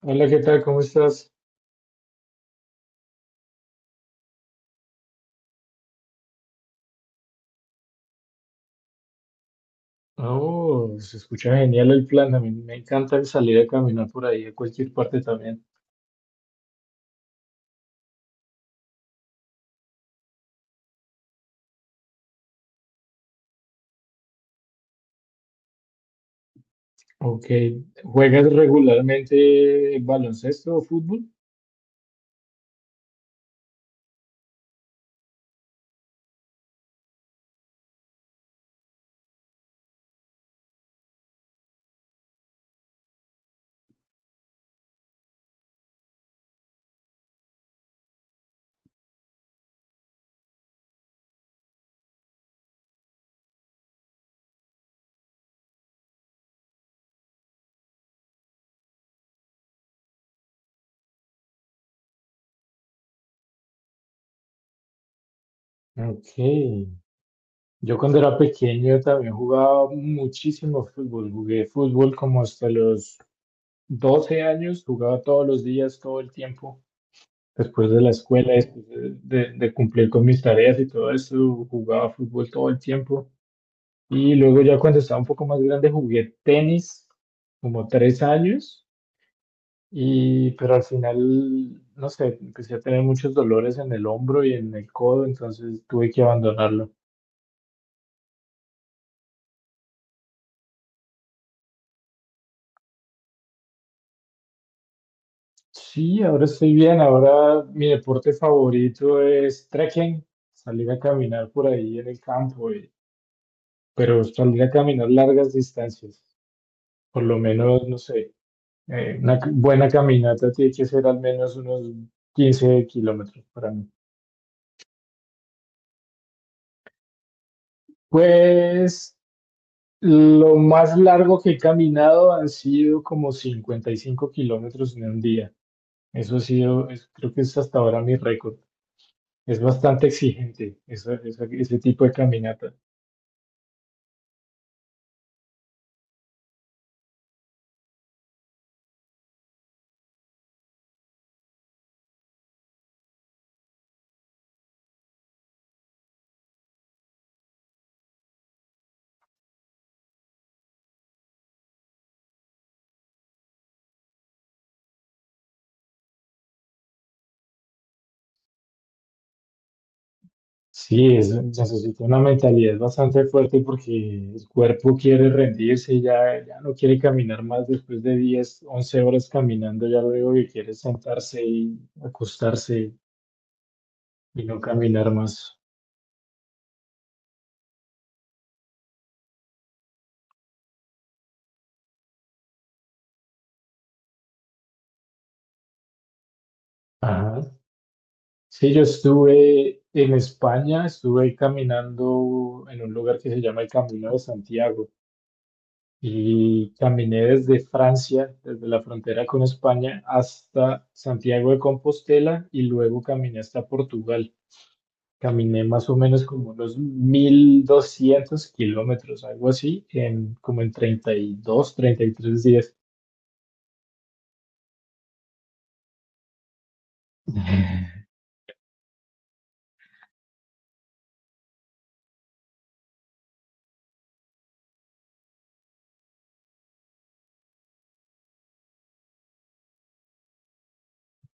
Hola, ¿qué tal? ¿Cómo estás? Oh, se escucha genial el plan. A mí me encanta salir a caminar por ahí, a cualquier parte también. Ok, ¿juegas regularmente baloncesto o fútbol? Ok, yo cuando era pequeño también jugaba muchísimo fútbol. Jugué fútbol como hasta los 12 años, jugaba todos los días, todo el tiempo. Después de la escuela, después de, de cumplir con mis tareas y todo eso, jugaba fútbol todo el tiempo. Y luego ya cuando estaba un poco más grande jugué tenis como 3 años, pero al final, no sé, empecé a tener muchos dolores en el hombro y en el codo, entonces tuve que abandonarlo. Sí, ahora estoy bien, ahora mi deporte favorito es trekking, salir a caminar por ahí en el campo, pero salir a caminar largas distancias, por lo menos, no sé, buena caminata tiene que ser al menos unos 15 kilómetros para mí. Pues lo más largo que he caminado han sido como 55 kilómetros en un día. Eso ha sido, creo que es hasta ahora mi récord. Es bastante exigente ese tipo de caminata. Sí, necesita una mentalidad bastante fuerte porque el cuerpo quiere rendirse, ya no quiere caminar más después de 10 11 horas caminando, ya luego que quiere sentarse y acostarse y no caminar más. Ajá. Sí, yo estuve en España, estuve caminando en un lugar que se llama el Camino de Santiago y caminé desde Francia, desde la frontera con España, hasta Santiago de Compostela y luego caminé hasta Portugal. Caminé más o menos como unos 1.200 kilómetros, algo así, en como en treinta y dos, 33 días.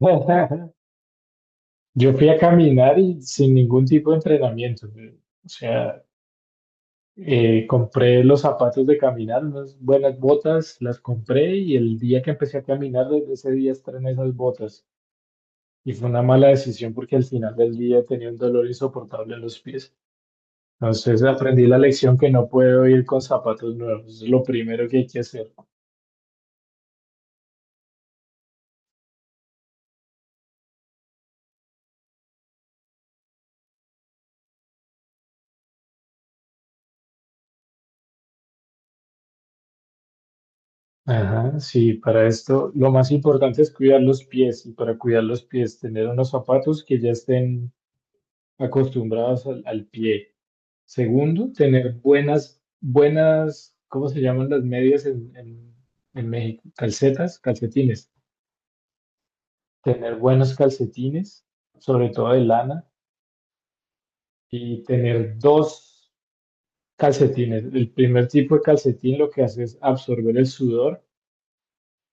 Yo fui a caminar y sin ningún tipo de entrenamiento. O sea, compré los zapatos de caminar, unas buenas botas, las compré y el día que empecé a caminar, desde ese día estrené esas botas. Y fue una mala decisión porque al final del día tenía un dolor insoportable en los pies. Entonces aprendí la lección que no puedo ir con zapatos nuevos. Es lo primero que hay que hacer. Ajá, sí, para esto lo más importante es cuidar los pies y para cuidar los pies tener unos zapatos que ya estén acostumbrados al pie. Segundo, tener buenas, ¿cómo se llaman las medias en México? Calcetas, calcetines. Tener buenos calcetines, sobre todo de lana, y tener dos calcetines. El primer tipo de calcetín lo que hace es absorber el sudor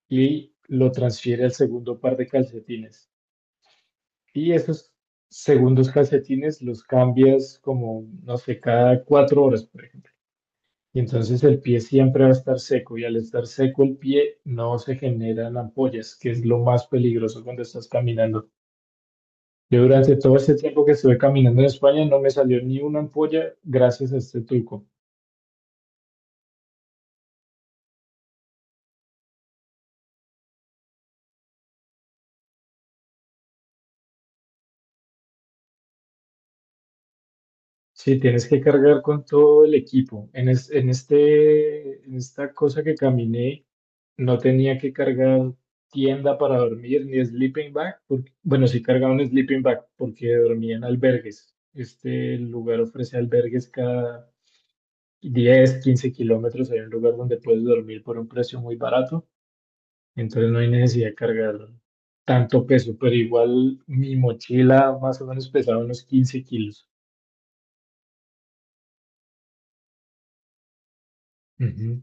y lo transfiere al segundo par de calcetines. Y esos segundos calcetines los cambias como, no sé, cada 4 horas, por ejemplo. Y entonces el pie siempre va a estar seco y al estar seco el pie no se generan ampollas, que es lo más peligroso cuando estás caminando. Yo durante todo este tiempo que estuve caminando en España no me salió ni una ampolla gracias a este truco. Sí, tienes que cargar con todo el equipo. En, es- en este, en esta cosa que caminé, no tenía que cargar tienda para dormir ni sleeping bag, porque, bueno, sí cargaba un sleeping bag porque dormía en albergues. Este lugar ofrece albergues cada 10, 15 kilómetros, hay un lugar donde puedes dormir por un precio muy barato, entonces no hay necesidad de cargar tanto peso, pero igual mi mochila más o menos pesaba unos 15 kilos. Ujú.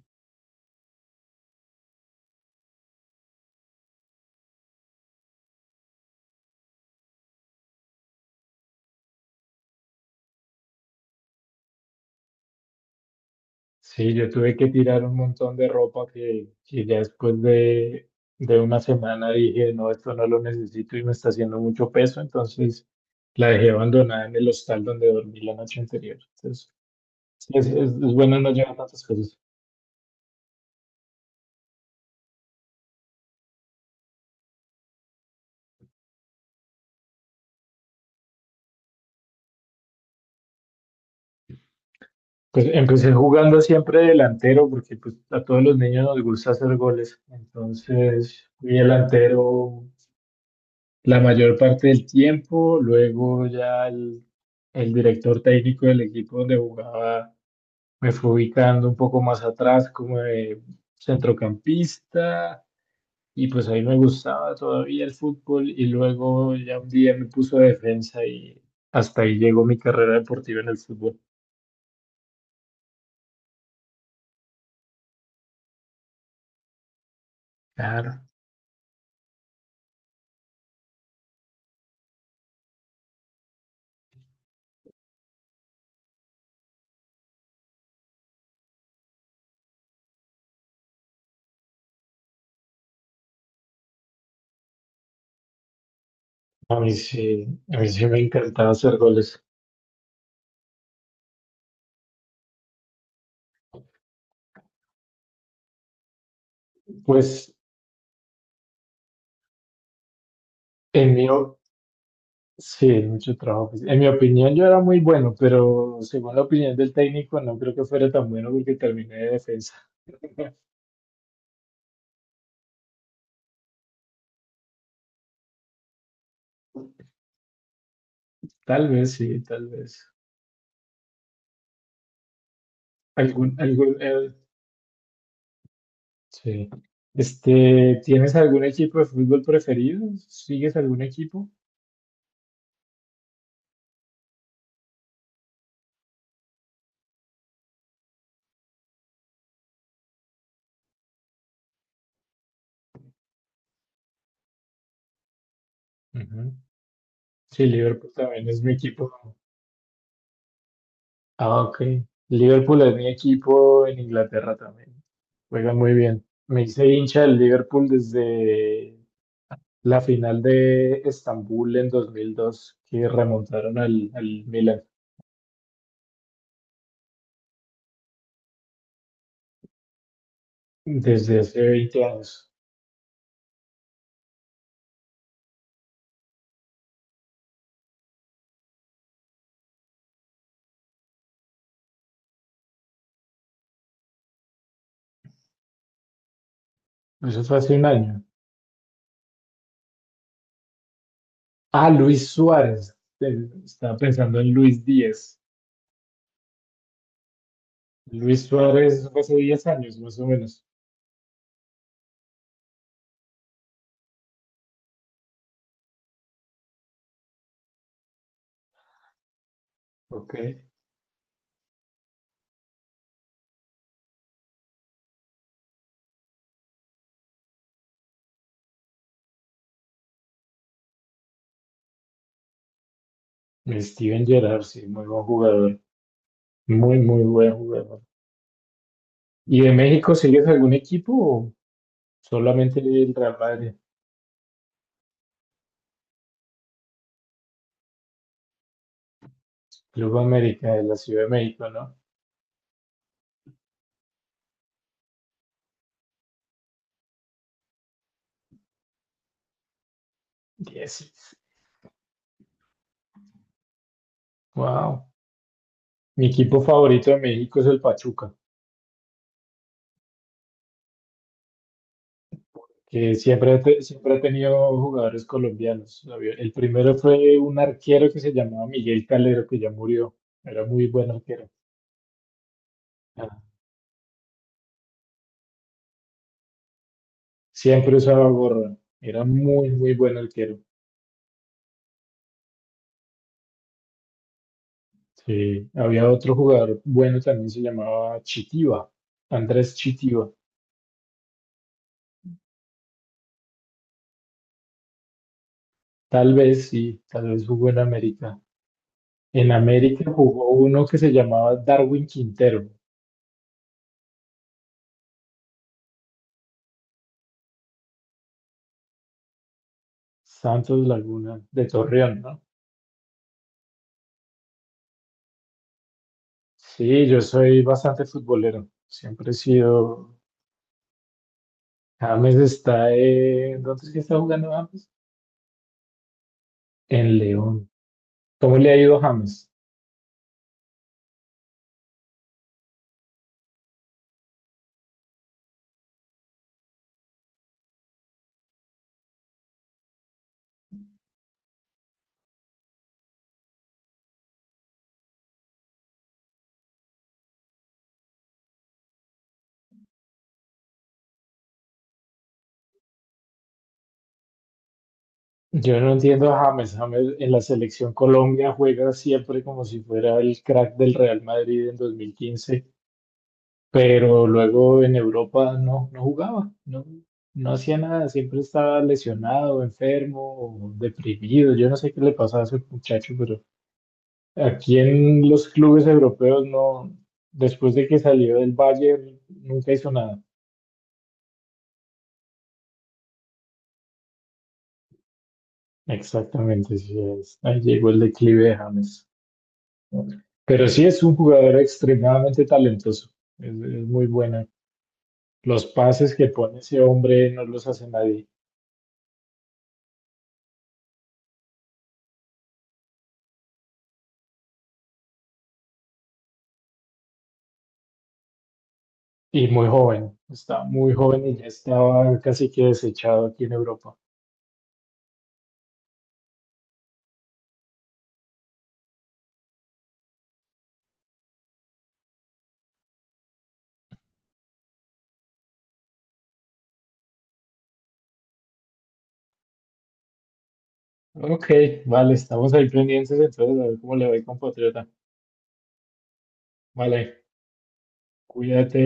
Sí, yo tuve que tirar un montón de ropa que ya después de, una semana dije, no, esto no lo necesito y me está haciendo mucho peso, entonces la dejé abandonada en el hostal donde dormí la noche anterior. Entonces, sí, es bueno no llevar tantas cosas. Pues empecé jugando siempre delantero porque pues, a todos los niños nos gusta hacer goles. Entonces fui delantero la mayor parte del tiempo. Luego ya el director técnico del equipo donde jugaba me fue ubicando un poco más atrás como de centrocampista y pues ahí me gustaba todavía el fútbol y luego ya un día me puso de defensa y hasta ahí llegó mi carrera deportiva en el fútbol. Claro. A mí sí, a mí sí me encantaba hacer goles. Pues en mi, o- sí, mucho trabajo. Pues en mi opinión yo era muy bueno, pero según la opinión del técnico no creo que fuera tan bueno porque terminé de defensa. Tal vez sí, tal vez. Algún, algún, eh, sí. ¿Tienes algún equipo de fútbol preferido? ¿Sigues algún equipo? Ujú. Sí, Liverpool también es mi equipo. Ah, ok. Liverpool es mi equipo en Inglaterra también. Juegan muy bien. Me hice hincha del Liverpool desde la final de Estambul en 2002, que remontaron al Milan. Desde hace 20 años. Eso fue hace un año. Ah, Luis Suárez. Estaba pensando en Luis Díaz. Luis Suárez fue hace 10 años, más o menos. Ok. Steven Gerrard, sí, muy buen jugador. Muy, muy buen jugador. ¿Y de México sigues algún equipo? Solamente el Real Madrid. Club América de la Ciudad de México, ¿no? 10. Wow. Mi equipo favorito de México es el Pachuca, que siempre, siempre ha tenido jugadores colombianos. El primero fue un arquero que se llamaba Miguel Calero, que ya murió. Era muy buen arquero. Ah, siempre usaba gorra. Era muy, muy buen arquero. Sí. Había otro jugador bueno también, se llamaba Chitiva, Andrés Chitiva. Tal vez sí, tal vez jugó en América. En América jugó uno que se llamaba Darwin Quintero. Santos Laguna de Torreón, ¿no? Sí, yo soy bastante futbolero. Siempre he sido. James está en. ¿Dónde es que está jugando James? En León. ¿Cómo le ha ido a James? Yo no entiendo a James. James en la selección Colombia juega siempre como si fuera el crack del Real Madrid en 2015, pero luego en Europa no, no jugaba, no, no hacía nada, siempre estaba lesionado, enfermo, o deprimido, yo no sé qué le pasaba a ese muchacho, pero aquí en los clubes europeos no, después de que salió del Bayern, nunca hizo nada. Exactamente, sí es. Ahí llegó el declive de James. Pero sí es un jugador extremadamente talentoso, es muy bueno. Los pases que pone ese hombre no los hace nadie. Y muy joven, está muy joven y ya estaba casi que desechado aquí en Europa. Ok, vale, estamos ahí pendientes entonces a ver cómo le va el compatriota. Vale, cuídate.